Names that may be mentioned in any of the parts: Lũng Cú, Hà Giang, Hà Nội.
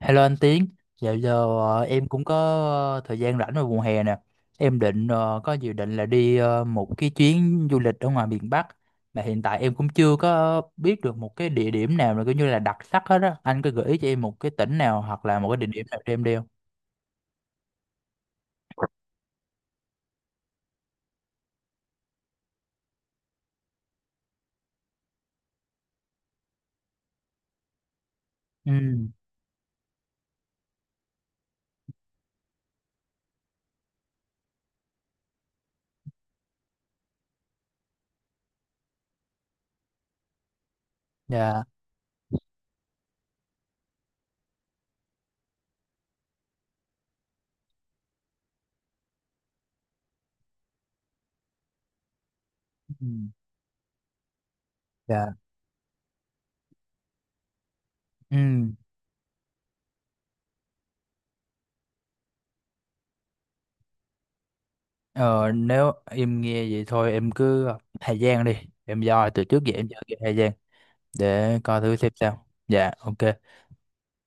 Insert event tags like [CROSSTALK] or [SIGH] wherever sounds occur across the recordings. Hello anh Tiến, dạo giờ em cũng có thời gian rảnh vào mùa hè nè. Em định có dự định là đi một cái chuyến du lịch ở ngoài miền Bắc, mà hiện tại em cũng chưa có biết được một cái địa điểm nào là coi như là đặc sắc hết á. Anh có gợi ý cho em một cái tỉnh nào hoặc là một cái địa điểm nào cho em đi không? Ừ, dạ, ừ, dạ, ừ. Ờ, Nếu em nghe vậy thôi em cứ Hà Giang đi. Em doi từ trước giờ em doi cái Hà Giang để coi thử xem sao. Dạ, ok.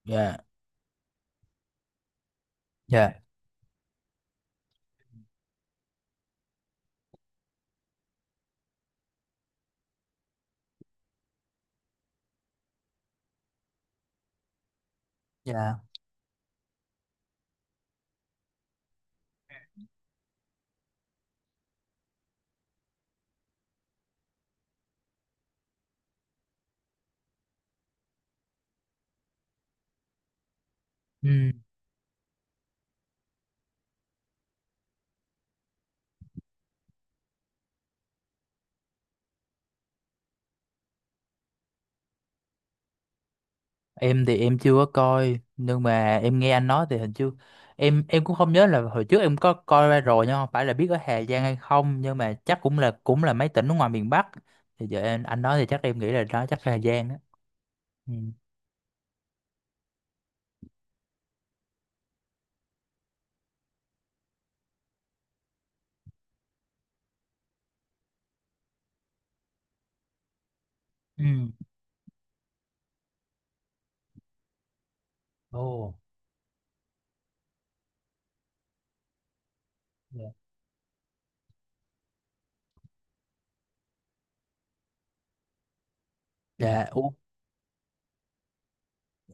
Dạ, dạ, dạ. Ừ. Em thì em chưa có coi, nhưng mà em nghe anh nói thì hình như em cũng không nhớ là hồi trước em có coi ra rồi, nhưng không phải là biết ở Hà Giang hay không, nhưng mà chắc cũng là mấy tỉnh ở ngoài miền Bắc, thì giờ em, anh nói thì chắc em nghĩ là đó chắc là Hà Giang á. Ừ, ừ, ồ, dạ. Dạ, ủa,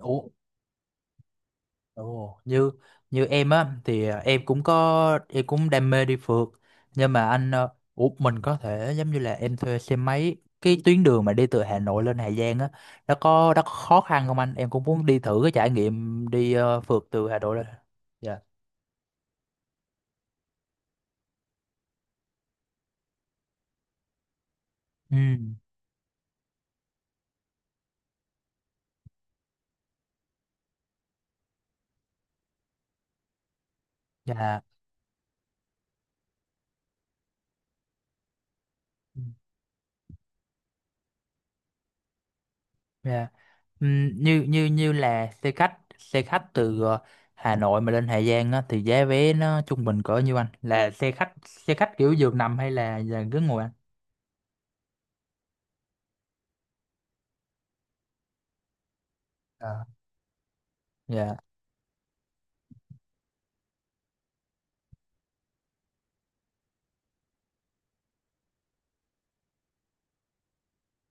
ủa. Ồ, như như em á thì em cũng có em cũng đam mê đi phượt, nhưng mà anh ủa, mình có thể giống như là em thuê xe máy, cái tuyến đường mà đi từ Hà Nội lên Hà Giang á, nó có khó khăn không anh, em cũng muốn đi thử cái trải nghiệm đi phượt từ Hà Nội lên. Dạ, ừ, dạ, ừ, dạ, ừ, như như như là xe khách từ Hà Nội mà lên Hà Giang á thì giá vé nó trung bình cỡ nhiêu anh, là xe khách kiểu giường nằm hay là ghế ngồi anh. Dạ.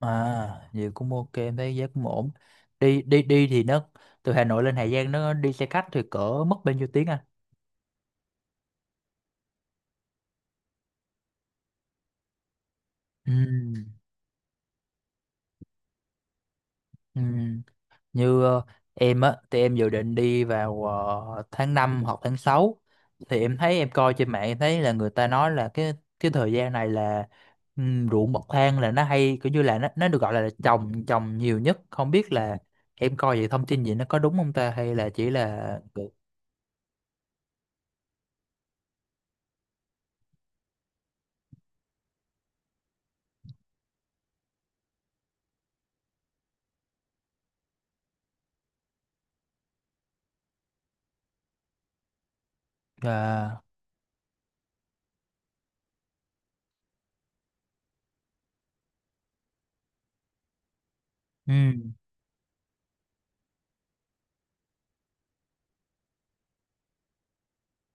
À, vậy cũng ok, em thấy giá cũng ổn. Đi đi đi thì nó từ Hà Nội lên Hà Giang nó đi xe khách thì cỡ mất bao nhiêu tiếng anh? Ừ. Ừ. Như em á thì em dự định đi vào tháng 5 hoặc tháng 6, thì em thấy em coi trên mạng em thấy là người ta nói là cái thời gian này là ruộng bậc thang là nó hay kiểu như là nó được gọi là trồng trồng nhiều nhất, không biết là em coi vậy thông tin gì nó có đúng không ta hay là chỉ là à, ừ.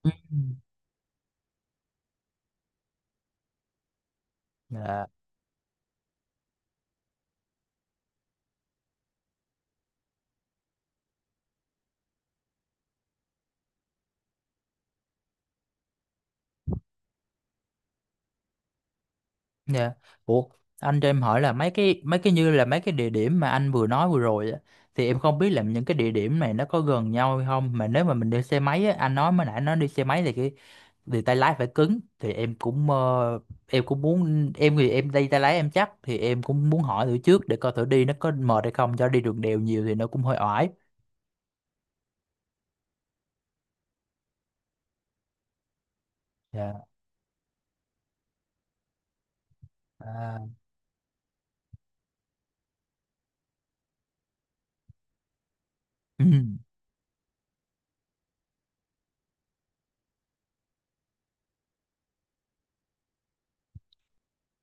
Ừ. Ừ. Dạ, dạ. Ủa, anh cho em hỏi là mấy cái như là mấy cái địa điểm mà anh vừa nói vừa rồi á, thì em không biết là những cái địa điểm này nó có gần nhau hay không, mà nếu mà mình đi xe máy á, anh nói mới nãy nó đi xe máy thì cái thì tay lái phải cứng, thì em cũng em cũng muốn em thì em đi tay lái em chắc thì em cũng muốn hỏi thử trước để coi thử đi nó có mệt hay không, cho đi đường đèo nhiều thì nó cũng hơi oải. Dạ. À. Ừ.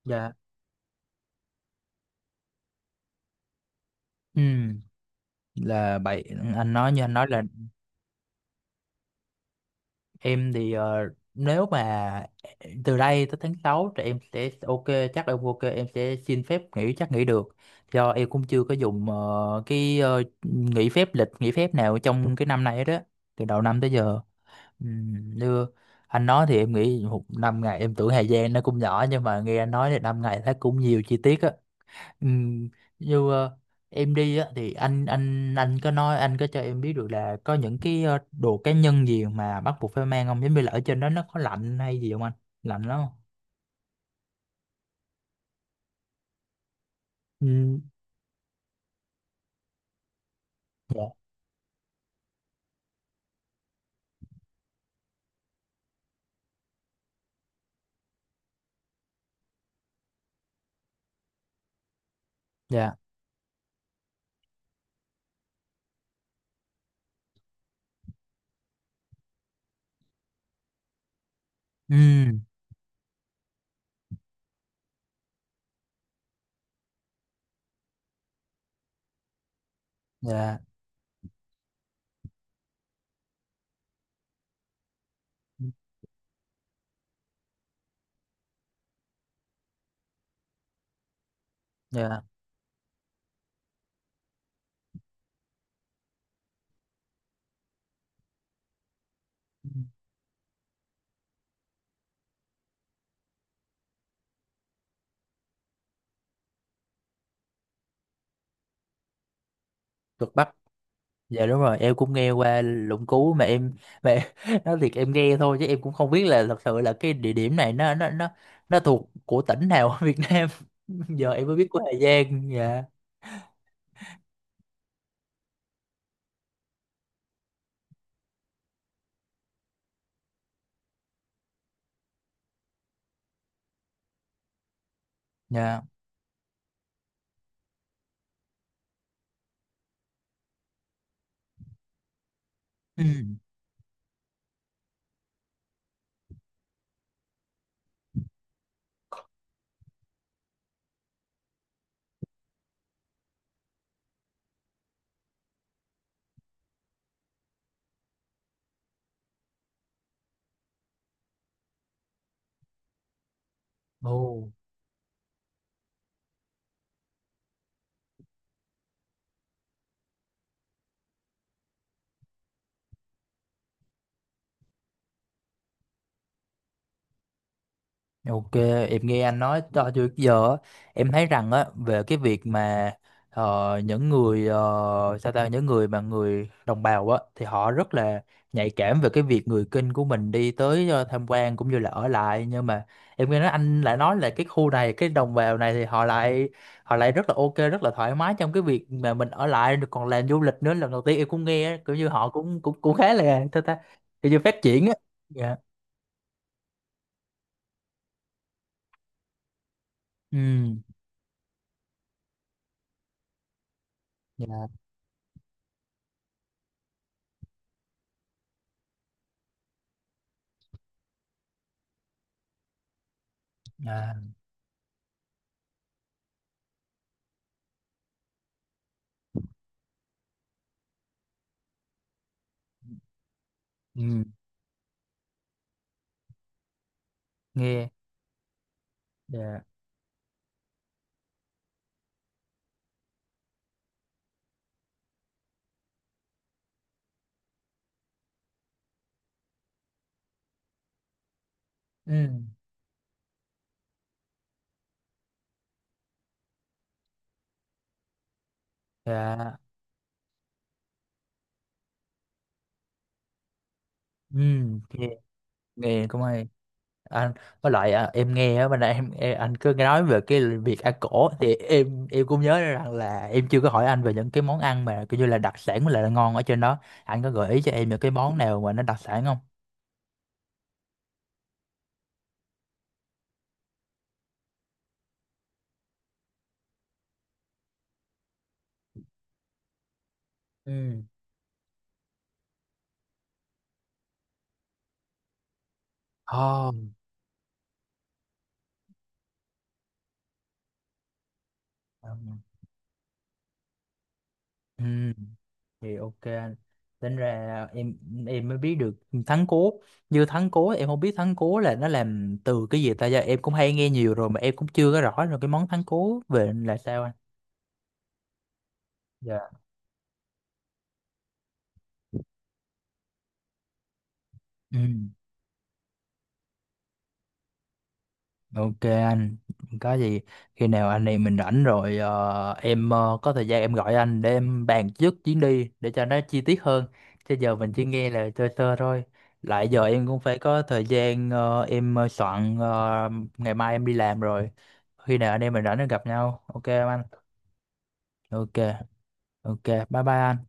Dạ. Ừ. Là vậy anh nói như anh nói là em thì nếu mà từ đây tới tháng 6 thì em sẽ ok, chắc em ok em sẽ xin phép nghỉ chắc nghỉ được, do em cũng chưa có dùng cái nghỉ phép lịch nghỉ phép nào trong cái năm này đó, từ đầu năm tới giờ. Như anh nói thì em nghĩ một 5 ngày em tưởng thời gian nó cũng nhỏ, nhưng mà nghe anh nói thì 5 ngày thấy cũng nhiều chi tiết. Ừ, như em đi á thì anh có nói anh có cho em biết được là có những cái đồ cá nhân gì mà bắt buộc phải mang không, giống như là ở trên đó nó có lạnh hay gì không anh, lạnh lắm không? Ừ, dạ, dạ, ừ, dạ, dạ, cực Bắc, dạ đúng rồi, em cũng nghe qua Lũng Cú mà em mà [LAUGHS] nói thiệt em nghe thôi chứ em cũng không biết là thật sự là cái địa điểm này nó thuộc của tỉnh nào ở Việt Nam, [LAUGHS] giờ em mới biết của Hà Giang. Dạ, dạ, ừ, ồ. Ok, em nghe anh nói cho tới giờ á, em thấy rằng á về cái việc mà những người sao ta những người mà người đồng bào á thì họ rất là nhạy cảm về cái việc người Kinh của mình đi tới tham quan cũng như là ở lại, nhưng mà em nghe nói anh lại nói là cái khu này cái đồng bào này thì họ lại rất là ok, rất là thoải mái trong cái việc mà mình ở lại được còn làm du lịch nữa, lần đầu tiên em cũng nghe á, kiểu như họ cũng cũng cũng khá là sao ta, kiểu như phát triển á. Dạ, ừ, dạ, à, ừ, nghe, dạ, ừ, dạ, ừ, nghe, cũng hay anh, với lại em nghe á bên đây em, anh cứ nói về cái việc ăn cổ thì em cũng nhớ ra rằng là em chưa có hỏi anh về những cái món ăn mà kiểu như là đặc sản với lại là ngon ở trên đó, anh có gợi ý cho em những cái món nào mà nó đặc sản không? Ừ. Ồ. Ừ, thì ok anh, tính ra em mới biết được thắng cố, như thắng cố em không biết thắng cố là nó làm từ cái gì ta, giờ em cũng hay nghe nhiều rồi mà em cũng chưa có rõ rồi, cái món thắng cố về là sao anh. Dạ, ừ. Ok anh, có gì khi nào anh em mình rảnh rồi em có thời gian em gọi anh để em bàn trước chuyến đi để cho nó chi tiết hơn. Chứ giờ mình chỉ nghe là sơ sơ thôi. Lại giờ em cũng phải có thời gian em soạn ngày mai em đi làm rồi. Khi nào anh em mình rảnh thì gặp nhau. Ok không anh? Ok, ok. Bye bye anh.